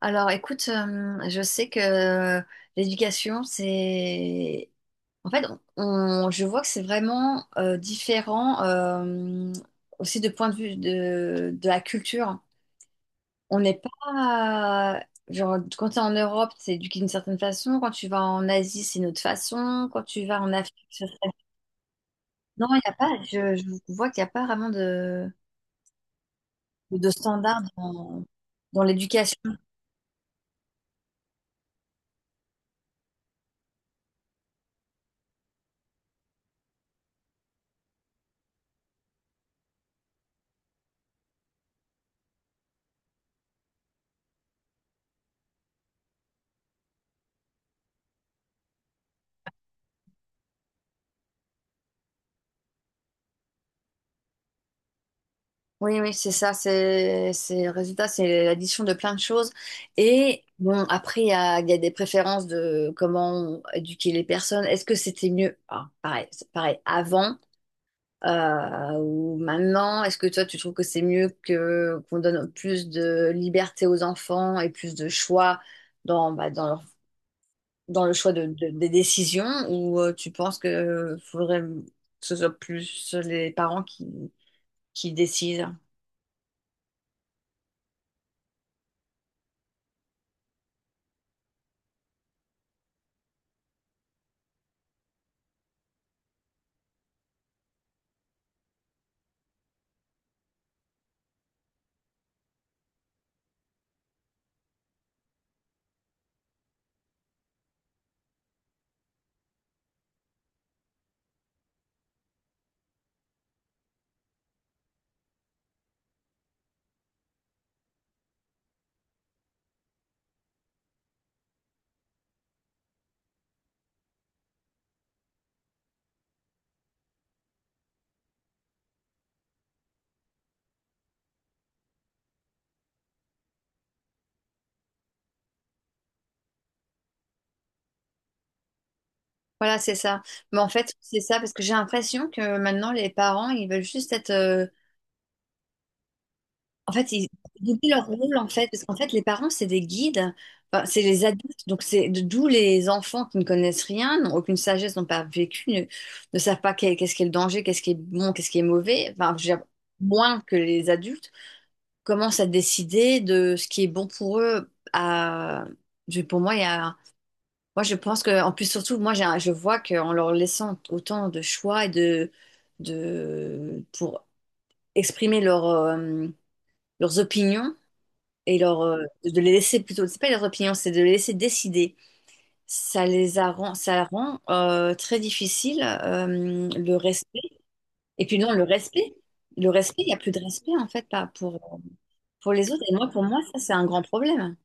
Alors, écoute, je sais que l'éducation, c'est... En fait, je vois que c'est vraiment différent aussi de point de vue de la culture. On n'est pas... Genre, quand tu es en Europe, c'est éduqué d'une certaine façon. Quand tu vas en Asie, c'est une autre façon. Quand tu vas en Afrique, c'est... Non, il n'y a pas... Je vois qu'il n'y a pas vraiment de standard dans l'éducation. Oui, oui, c'est ça, c'est le résultat, c'est l'addition de plein de choses. Et bon, après, il y a des préférences de comment éduquer les personnes. Est-ce que c'était mieux, ah, pareil, c'est pareil, avant ou maintenant? Est-ce que toi, tu trouves que c'est mieux que qu'on donne plus de liberté aux enfants et plus de choix dans, bah, dans, leur- dans le choix des décisions? Ou tu penses que faudrait que ce soit plus les parents qui décident? Voilà, c'est ça. Mais en fait, c'est ça, parce que j'ai l'impression que maintenant, les parents, ils veulent juste être... En fait, ils oublient leur rôle, en fait, parce qu'en fait, les parents, c'est des guides. Enfin, c'est les adultes, donc c'est d'où les enfants qui ne connaissent rien, n'ont aucune sagesse, n'ont pas vécu, ne savent pas qu'est-ce qu'est le danger, qu'est-ce qui est bon, qu'est-ce qui est mauvais, enfin, je veux dire, moins que les adultes, commencent à décider de ce qui est bon pour eux. À... Pour moi, il y a... Moi, je pense que, en plus, surtout, moi, je vois qu'en leur laissant autant de choix et pour exprimer leur, leurs opinions et leur, de les laisser plutôt, c'est pas leurs opinions, c'est de les laisser décider. Ça rend très difficile le respect. Et puis non, le respect, il n'y a plus de respect en fait pas pour, pour les autres. Et moi, pour moi, ça, c'est un grand problème.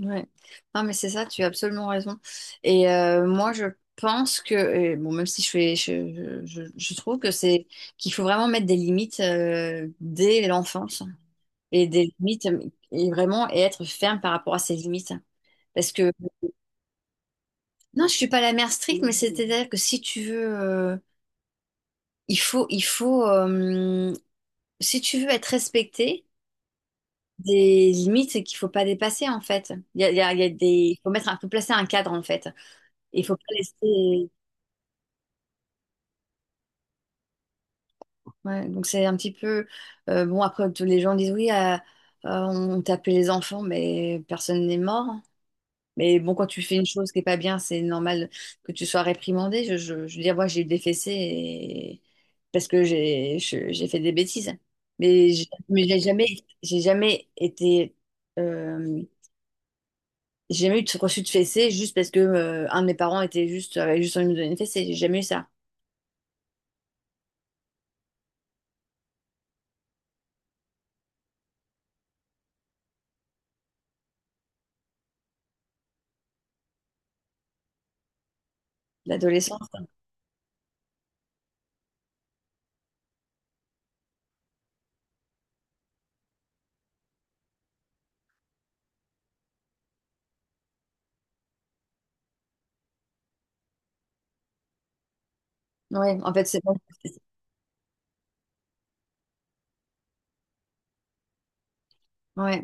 Ouais. Non, mais c'est ça, tu as absolument raison. Et moi, je pense que, et bon, même si je fais, je trouve que c'est qu'il faut vraiment mettre des limites dès l'enfance et des limites et vraiment et être ferme par rapport à ces limites. Parce que non, je suis pas la mère stricte, mais c'est-à-dire que si tu veux, il faut, si tu veux être respecté, des limites qu'il faut pas dépasser en fait. Il y a des, il faut mettre, faut placer un cadre en fait. Il faut pas laisser. Ouais, donc c'est un petit peu bon après tous les gens disent oui on tapait les enfants mais personne n'est mort, hein. Mais bon quand tu fais une chose qui est pas bien c'est normal que tu sois réprimandé. Je veux dire moi j'ai eu des fessées parce que j'ai fait des bêtises. Mais j'ai jamais été euh, j'ai jamais eu de reçu de fessée juste parce que un de mes parents était juste avait juste envie de me donner une fessée. J'ai jamais eu ça. L'adolescence. Ouais en fait c'est bon. Ouais.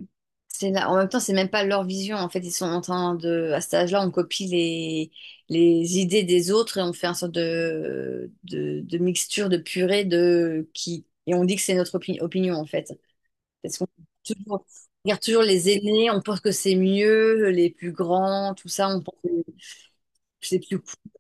C'est là. En même temps, c'est même pas leur vision. En fait, ils sont en train de. À cet âge-là, on copie les idées des autres et on fait un sorte de, mixture, de purée de qui. Et on dit que c'est notre opinion, en fait. Parce qu'on on regarde toujours les aînés, on pense que c'est mieux, les plus grands, tout ça, on pense que c'est plus cool.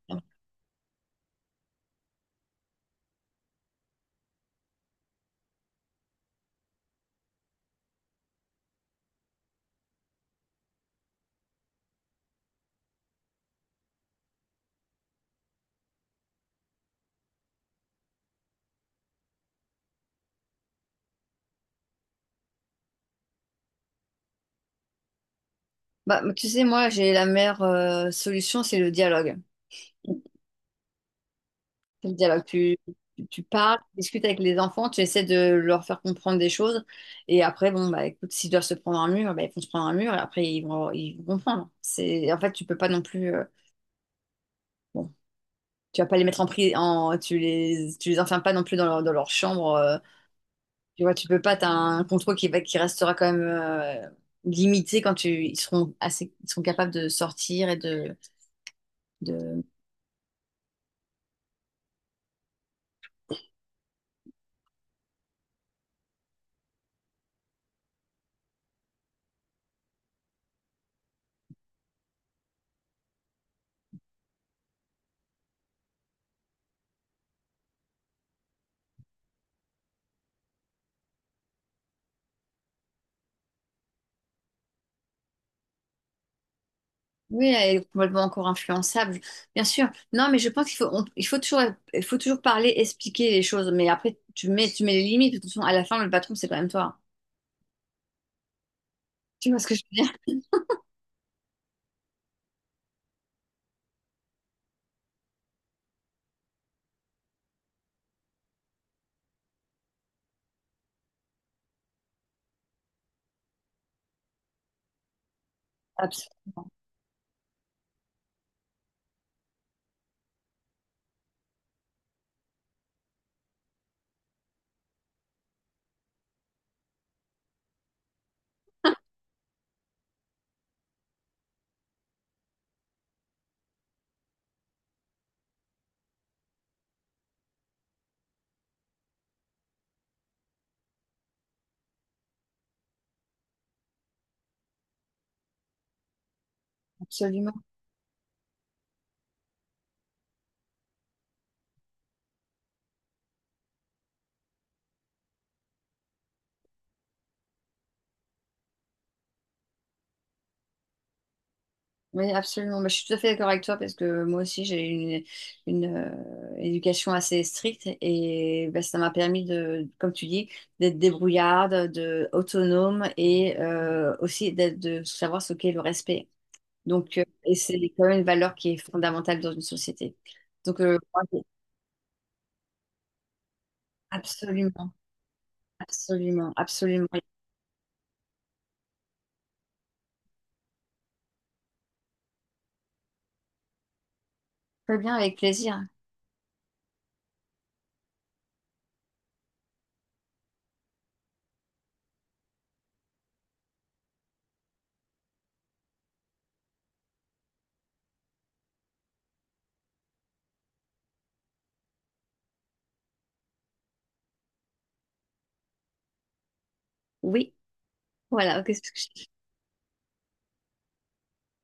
Bah, tu sais, moi, j'ai la meilleure solution, c'est le dialogue. C'est le dialogue. Tu parles, tu discutes avec les enfants, tu essaies de leur faire comprendre des choses. Et après, bon, bah écoute, s'ils doivent se prendre un mur, bah, ils vont se prendre un mur et après, ils vont comprendre. C'est, en fait, tu peux pas non plus, bon, tu vas pas les mettre en prison, en, tu les enfermes pas non plus dans leur chambre. Tu vois, tu peux pas, t'as un contrôle qui restera quand même limité quand tu, ils seront assez, ils seront capables de sortir et de, Oui, elle est complètement encore influençable, bien sûr. Non, mais je pense il faut toujours parler, expliquer les choses. Mais après, tu mets les limites. De toute façon, à la fin, le patron, c'est quand même toi. Tu vois ce que je veux dire? Abs- Absolument. Oui, absolument. Bah, je suis tout à fait d'accord avec toi parce que moi aussi, une éducation assez stricte et bah, ça m'a permis de, comme tu dis, d'être débrouillarde, de autonome et aussi d'être, de savoir ce qu'est le respect. Donc, et c'est quand même une valeur qui est fondamentale dans une société. Donc, moi, absolument, absolument, absolument. Très bien, avec plaisir. Oui, voilà. Qu'est-ce que je-